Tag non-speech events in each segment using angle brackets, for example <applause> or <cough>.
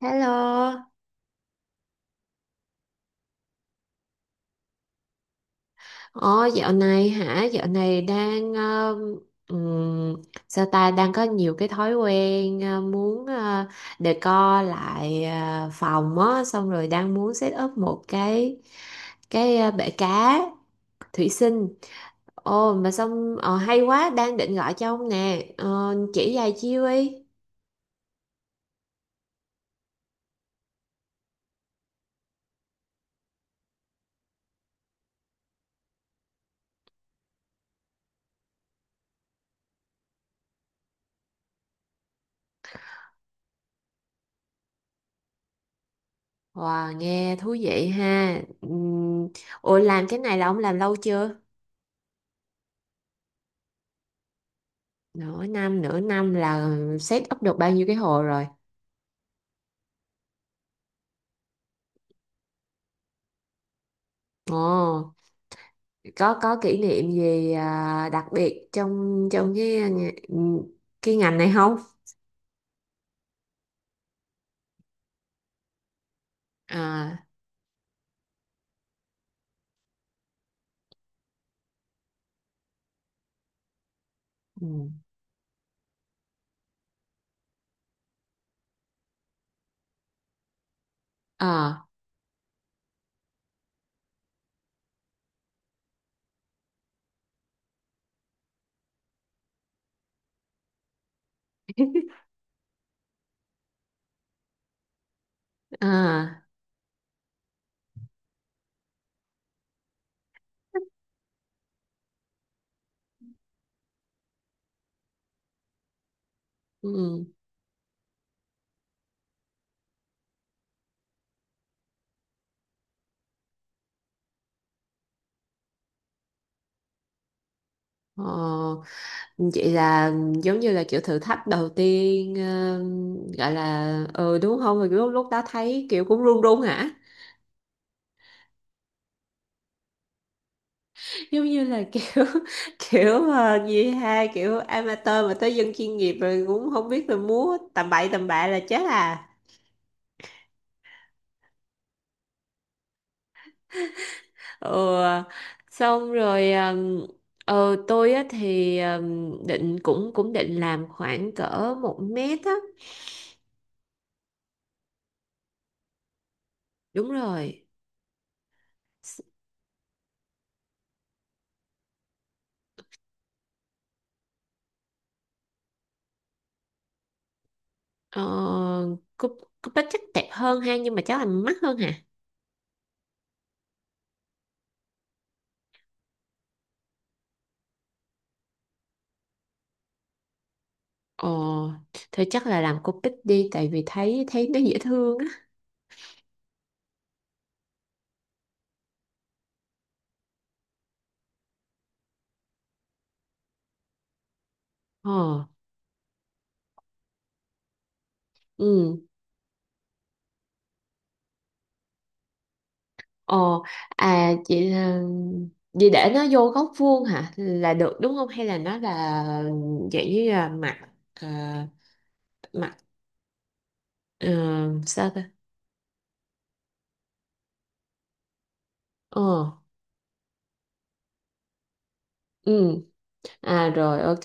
Hello. Ồ, dạo này hả? Dạo này đang ừm, sao ta đang có nhiều cái thói quen muốn decor lại phòng á, xong rồi đang muốn set up một cái bể cá thủy sinh. Ồ mà xong hay quá, đang định gọi cho ông nè. Ờ, chỉ vài chiêu đi. Wow, nghe thú vị ha. Ủa làm cái này là ông làm lâu chưa? Nửa năm là set up được bao nhiêu cái hồ rồi? Ồ, có kỷ niệm gì đặc biệt trong trong cái ngành này không? À. Ừ. À. <laughs> À. Ừ. Ờ, Vậy là giống như là kiểu thử thách đầu tiên, ờ, gọi là đúng không? Rồi Lúc lúc đó thấy kiểu cũng run run hả? <laughs> Giống như là kiểu <laughs> kiểu gì ha, kiểu amateur mà tới dân chuyên nghiệp rồi cũng không biết là múa tầm bậy tầm bạ là chết à. Ừ. Xong rồi tôi á thì định cũng cũng định làm khoảng cỡ 1 m á. Đúng rồi. S- ờ, cúp cúp bích chắc đẹp hơn ha, nhưng mà chắc là mắc hơn hả? Ờ thôi chắc là làm cúp bích đi, tại vì thấy thấy nó dễ thương á. Ờ. Ừ. Ờ. À, chị là, vậy để nó vô góc vuông hả là được đúng không, hay là nó là dạng như là mặt ờ, mặt ờ, sao ta. Ờ. Ừ. À rồi, ok.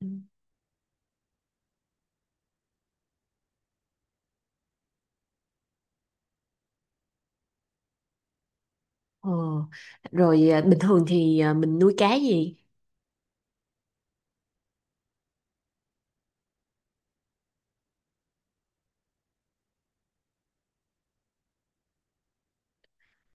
Ừ. ờ rồi, à, bình thường thì mình nuôi cá gì?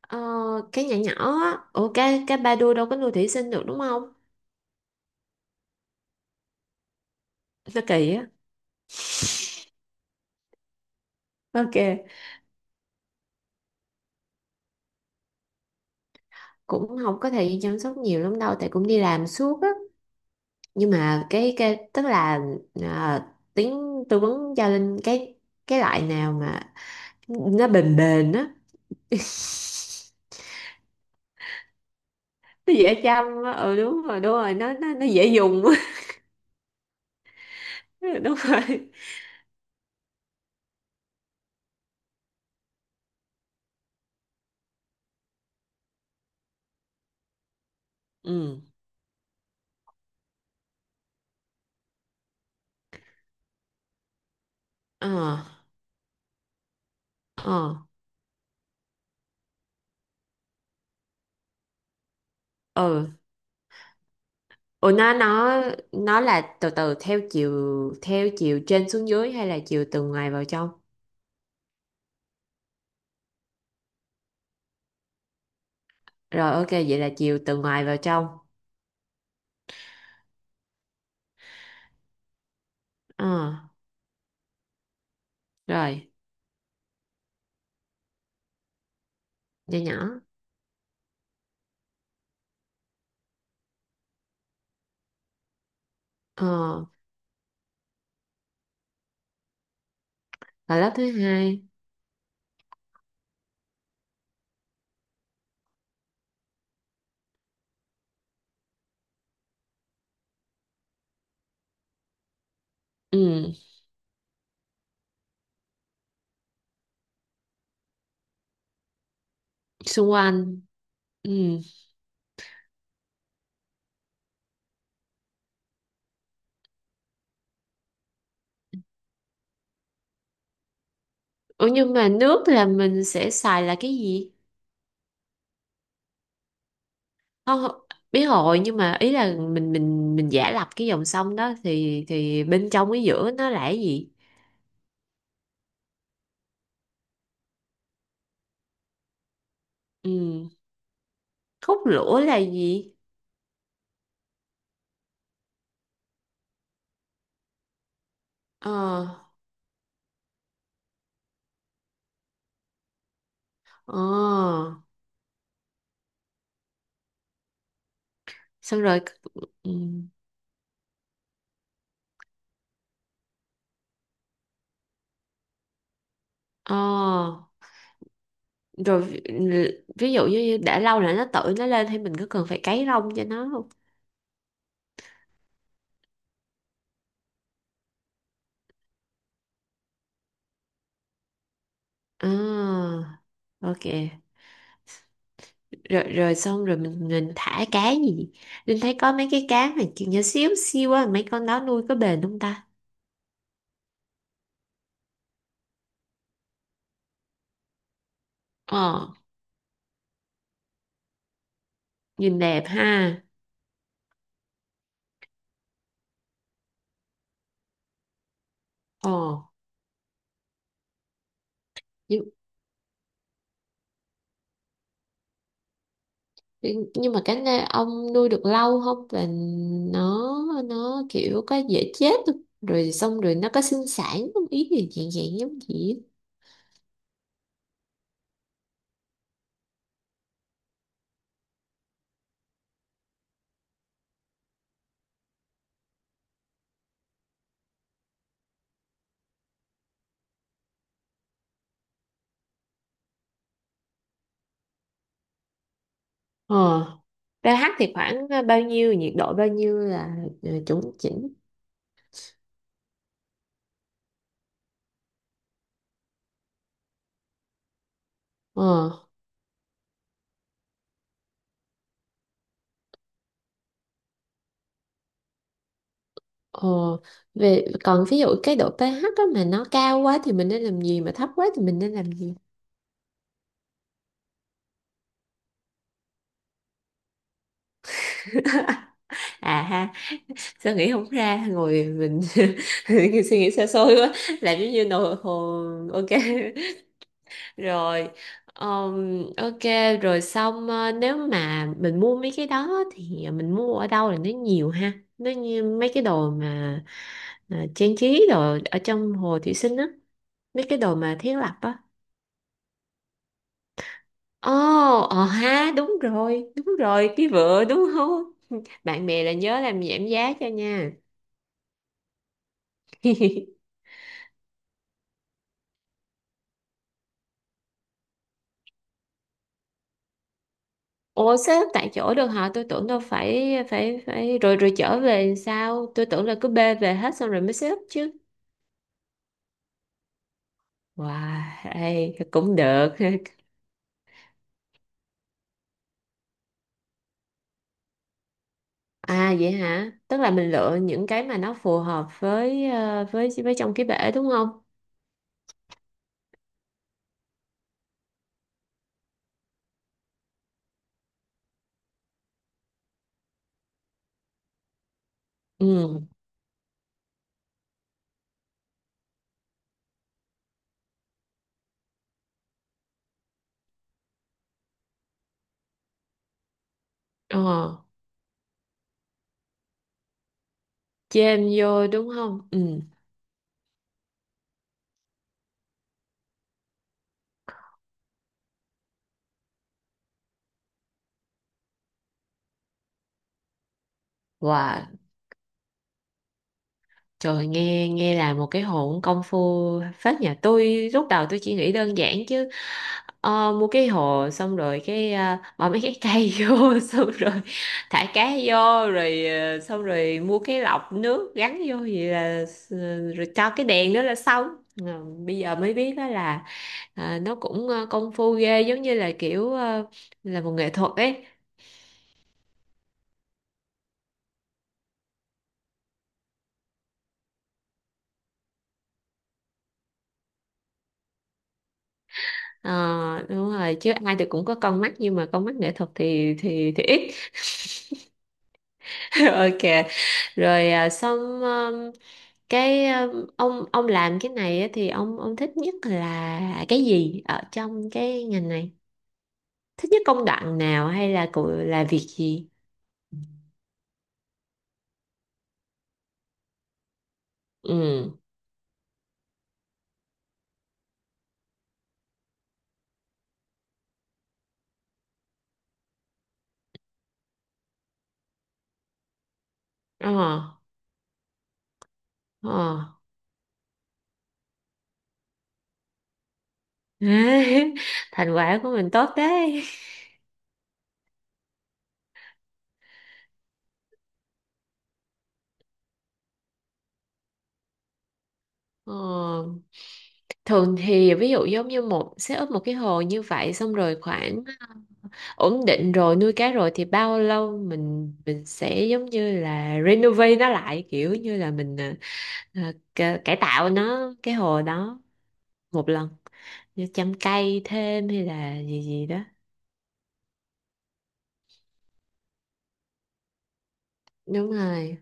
Ờ, cá nhỏ nhỏ. Á, ủa, cá cá ba đuôi đâu có nuôi thủy sinh được đúng không? Nó kỳ á. Ok. Cũng không có thời gian chăm sóc nhiều lắm đâu, tại cũng đi làm suốt á. Nhưng mà cái tức là, à, tiếng tư vấn cho Linh cái loại nào mà nó bền bền á. <laughs> Nó dễ chăm á, ừ, đúng rồi đúng rồi, nó dễ dùng á. <laughs> Đúng rồi. Ừ. Ờ. Ờ. Ừ. Ủa nó là từ từ theo chiều trên xuống dưới hay là chiều từ ngoài vào trong? Rồi ok, vậy là chiều từ ngoài vào trong. Ờ rồi, nhỏ nhỏ. Ờ, và lớp thứ hai? Ừ. Xung quanh. Ừ. Ủa nhưng mà nước là mình sẽ xài là cái gì? Không không, biết rồi, nhưng mà ý là mình giả lập cái dòng sông đó thì bên trong cái giữa nó là cái gì? Ừ. Khúc lũa là gì? Ờ. Ờ. Xong rồi. Ừ. ờ rồi ví, ví, dụ như đã lâu rồi nó tự nó lên thì mình có cần phải cấy rong cho nó không? À, ok. Rồi rồi, xong rồi mình thả cá gì? Linh thấy có mấy cái cá mà kiểu nhỏ xíu xíu á, mấy con đó nuôi có bền không ta? Ờ, nhìn đẹp ha. Ờ, nhưng mà cái này ông nuôi được lâu không, là nó nó kiểu có dễ chết không? Rồi xong rồi nó có sinh sản không, ý gì dạng dạng giống gì á. Ờ. pH thì khoảng bao nhiêu, nhiệt độ bao nhiêu là chuẩn chỉnh? Ờ. Ờ về, còn ví dụ cái độ pH á mà nó cao quá thì mình nên làm gì, mà thấp quá thì mình nên làm gì? À ha, sao nghĩ không ra, ngồi mình <laughs> suy nghĩ xa xôi quá. Làm giống như nồi hồ. Ok. Rồi. ờm, ok. Rồi xong, nếu mà mình mua mấy cái đó thì mình mua ở đâu là nó nhiều ha, nó như mấy cái đồ mà trang trí đồ ở trong Hồ Thủy Sinh á, mấy cái đồ mà thiết lập á. Ồ, ờ ha, đúng rồi, cái vựa đúng không? <laughs> Bạn bè là nhớ làm giảm giá cho nha. <laughs> Ồ, xếp tại chỗ được hả? Tôi tưởng đâu phải phải phải rồi rồi trở về sao? Tôi tưởng là cứ bê về hết xong rồi mới xếp chứ. Wow, ê, cũng được. <laughs> À vậy hả? Tức là mình lựa những cái mà nó phù hợp với với trong cái bể đúng không? Ừ. Ờ, chêm vô đúng không? Ừ. Wow. Trời, nghe nghe là một cái hồn công phu phết, nhà tôi lúc đầu tôi chỉ nghĩ đơn giản chứ mua cái hồ xong rồi cái bỏ mấy cái cây <laughs> vô xong rồi thả cá vô rồi xong rồi mua cái lọc nước gắn vô vậy là rồi cho cái đèn đó là xong. Ờ, bây giờ mới biết đó là nó cũng công phu ghê, giống như là kiểu là một nghệ thuật ấy. Ờ, đúng rồi chứ, ai thì cũng có con mắt nhưng mà con mắt nghệ thuật thì ít. <laughs> <laughs> Ok. Rồi, xong cái ông làm cái này á thì ông thích nhất là cái gì ở trong cái ngành này, thích nhất công đoạn nào hay là cụ là việc gì? Ừ. Ờ. Ờ. <laughs> Thành quả của mình tốt đấy. Ờ. Thường thì ví dụ giống như một set up một cái hồ như vậy xong rồi khoảng ổn định rồi nuôi cá rồi thì bao lâu mình sẽ giống như là renovate nó lại, kiểu như là mình, cải tạo nó cái hồ đó một lần, như chăm cây thêm hay là gì gì đó. Đúng rồi.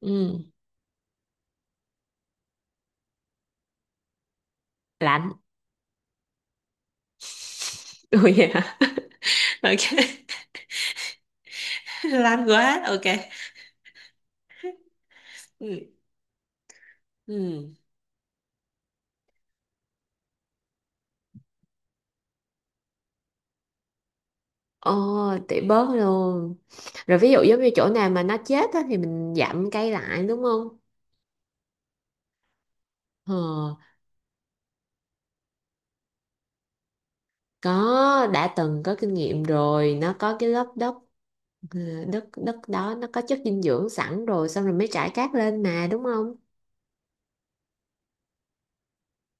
Ừ. Lạnh. <laughs> Ui, vậy hả? <laughs> Ok. <laughs> Lạnh quá, ok. Ừ. Ừ. Ồ, tỉ bớt luôn. Rồi ví dụ giống như chỗ nào mà nó chết á thì mình dặm cây lại đúng không? Ờ, có, đã từng có kinh nghiệm rồi, nó có cái lớp đất, ờ, đất đó nó có chất dinh dưỡng sẵn rồi xong rồi mới trải cát lên mà đúng không?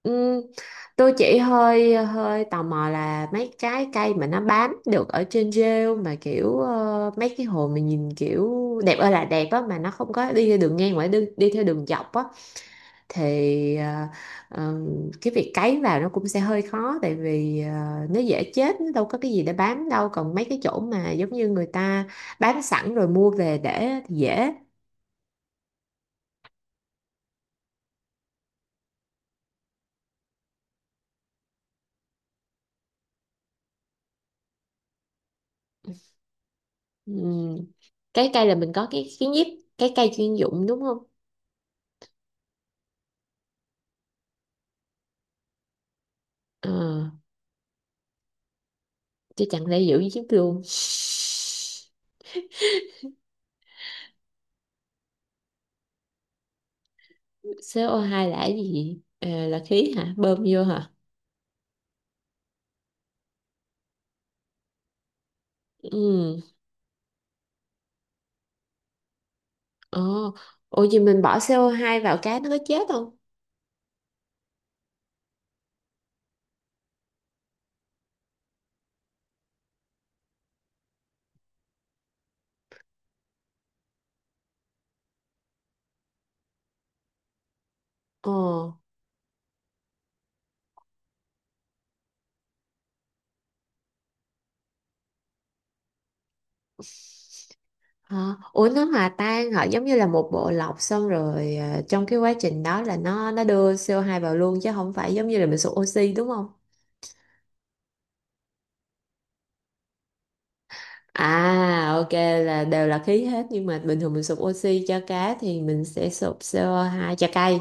Ừm, tôi chỉ hơi hơi tò mò là mấy cái cây mà nó bám được ở trên rêu mà kiểu mấy cái hồ mà nhìn kiểu đẹp ơi là đẹp á mà nó không có đi theo đường ngang mà nó đi theo đường dọc á thì ờm, cái việc cấy vào nó cũng sẽ hơi khó tại vì nó dễ chết nó đâu có cái gì để bám đâu, còn mấy cái chỗ mà giống như người ta bám sẵn rồi mua về để thì dễ. Ừm, cái cây là mình có cái nhíp, cái cây chuyên dụng đúng không? Ờ. Chứ chẳng lẽ giữ chiếc luôn. Co hai là cái gì? Ờ, là khí hả, bơm vô hả? Ừ. Ồ. Ủa gì mình bỏ co hai vào cá nó có chết không? Ồ. Hả, ủa nó hòa tan hả, giống như là một bộ lọc xong rồi trong cái quá trình đó là nó đưa co hai vào luôn chứ không phải giống như là mình sụp oxy đúng không? À ok, là đều là khí hết nhưng mà bình thường mình sụp oxy cho cá thì mình sẽ sụp co hai cho cây.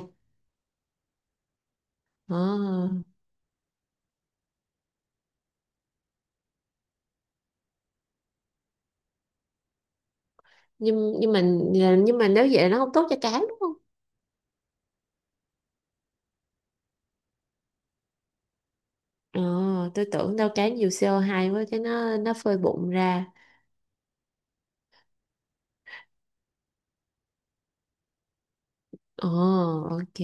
Ồ. Nhưng nhưng mà nếu vậy là nó không tốt cho cá đúng không? Ờ, tôi tưởng đâu cá nhiều CO2 quá cái nó phơi bụng ra. Ờ ok,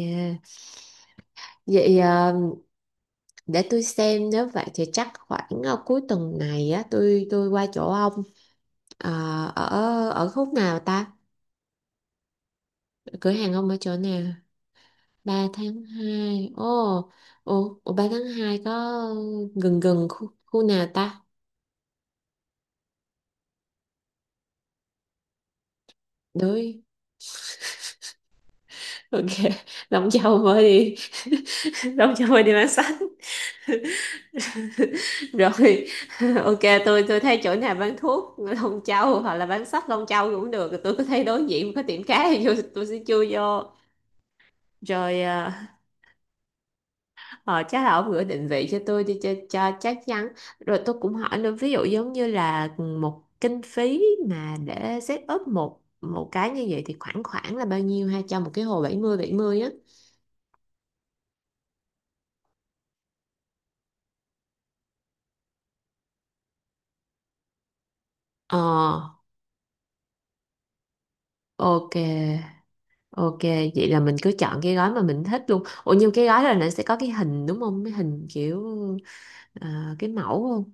vậy để tôi xem nếu vậy thì chắc khoảng cuối tuần này á tôi qua chỗ ông. Ờ. ở ở khúc nào ta, cửa hàng ông ở chỗ nào? Ba tháng hai. Ồ ồ ồ, 3 tháng 2 có gần gần khu, khu nào ta? Đối. <laughs> Ok. Đóng châu mới đi. <laughs> Đóng châu mới đi bán sách. <laughs> Rồi. Ok, tôi thấy chỗ nào bán thuốc <laughs> Long Châu hoặc là bán sách Long Châu cũng được, tôi có thấy đối diện có tiệm cá thì <laughs> vô, tôi sẽ chui vô. Rồi, chắc là ông gửi định vị cho tôi đi cho chắc chắn. Rồi tôi cũng hỏi nữa, ví dụ giống như là một kinh phí mà để set up một một cái như vậy thì khoảng khoảng là bao nhiêu ha, cho một cái hồ 70 70 á? Ờ. Ok. Ok, vậy là mình cứ chọn cái gói mà mình thích luôn. Ủa nhưng cái gói là nó sẽ có cái hình đúng không? Cái hình kiểu, cái mẫu không?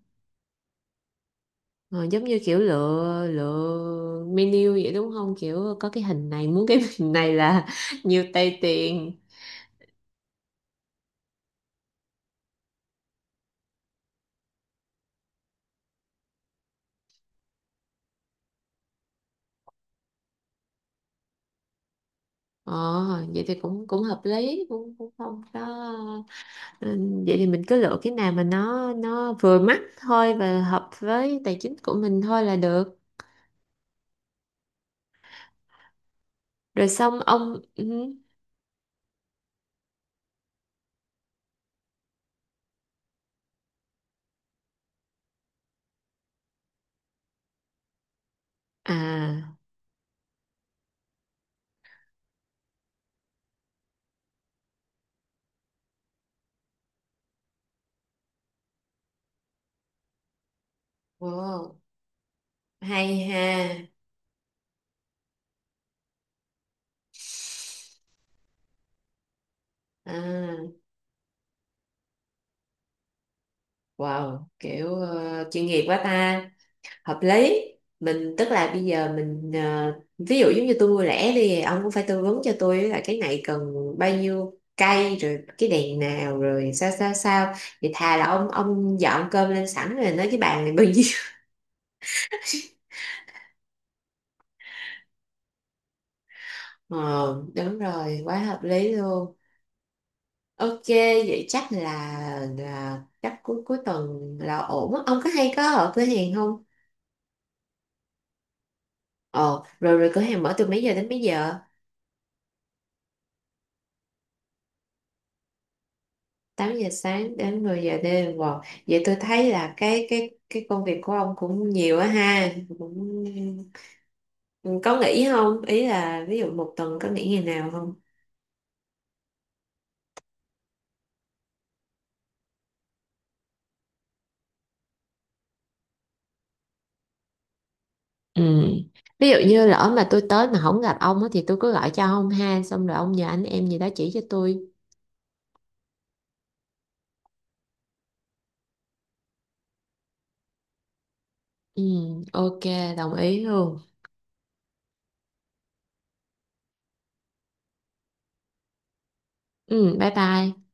Ờ, giống như kiểu lựa lựa menu vậy đúng không? Kiểu có cái hình này muốn cái <laughs> hình này là nhiều tay tiền. Ờ, vậy thì cũng cũng hợp lý, cũng cũng không có. Ừ, vậy thì mình cứ lựa cái nào mà nó vừa mắt thôi và hợp với tài chính của mình thôi là được. Rồi xong ông. Ừ. À. Wow, hay ha. À. Wow, kiểu chuyên nghiệp quá ta, hợp lý. Mình tức là bây giờ mình ví dụ giống như tôi mua lẻ đi, ông cũng phải tư vấn cho tôi là cái này cần bao nhiêu cây rồi cái đèn nào rồi sao sao sao. Thì thà là ông dọn cơm lên sẵn rồi nói cái bàn này bao nhiêu. <laughs> Ờ, đúng rồi, quá hợp lý luôn. Ok, vậy chắc là chắc cuối cuối tuần là ổn á. Ông có hay có ở cửa hàng không? Ờ, rồi rồi cửa hàng mở từ mấy giờ đến mấy giờ? 8 giờ sáng đến 10 giờ đêm, wow. Vậy tôi thấy là cái công việc của ông cũng nhiều á ha, cũng có nghỉ không, ý là ví dụ 1 tuần có nghỉ ngày nào không? Ừ. Ví dụ như lỡ mà tôi tới mà không gặp ông á, thì tôi cứ gọi cho ông ha xong rồi ông nhờ anh em gì đó chỉ cho tôi. Ừ, ok, đồng ý luôn. Ừ, bye bye.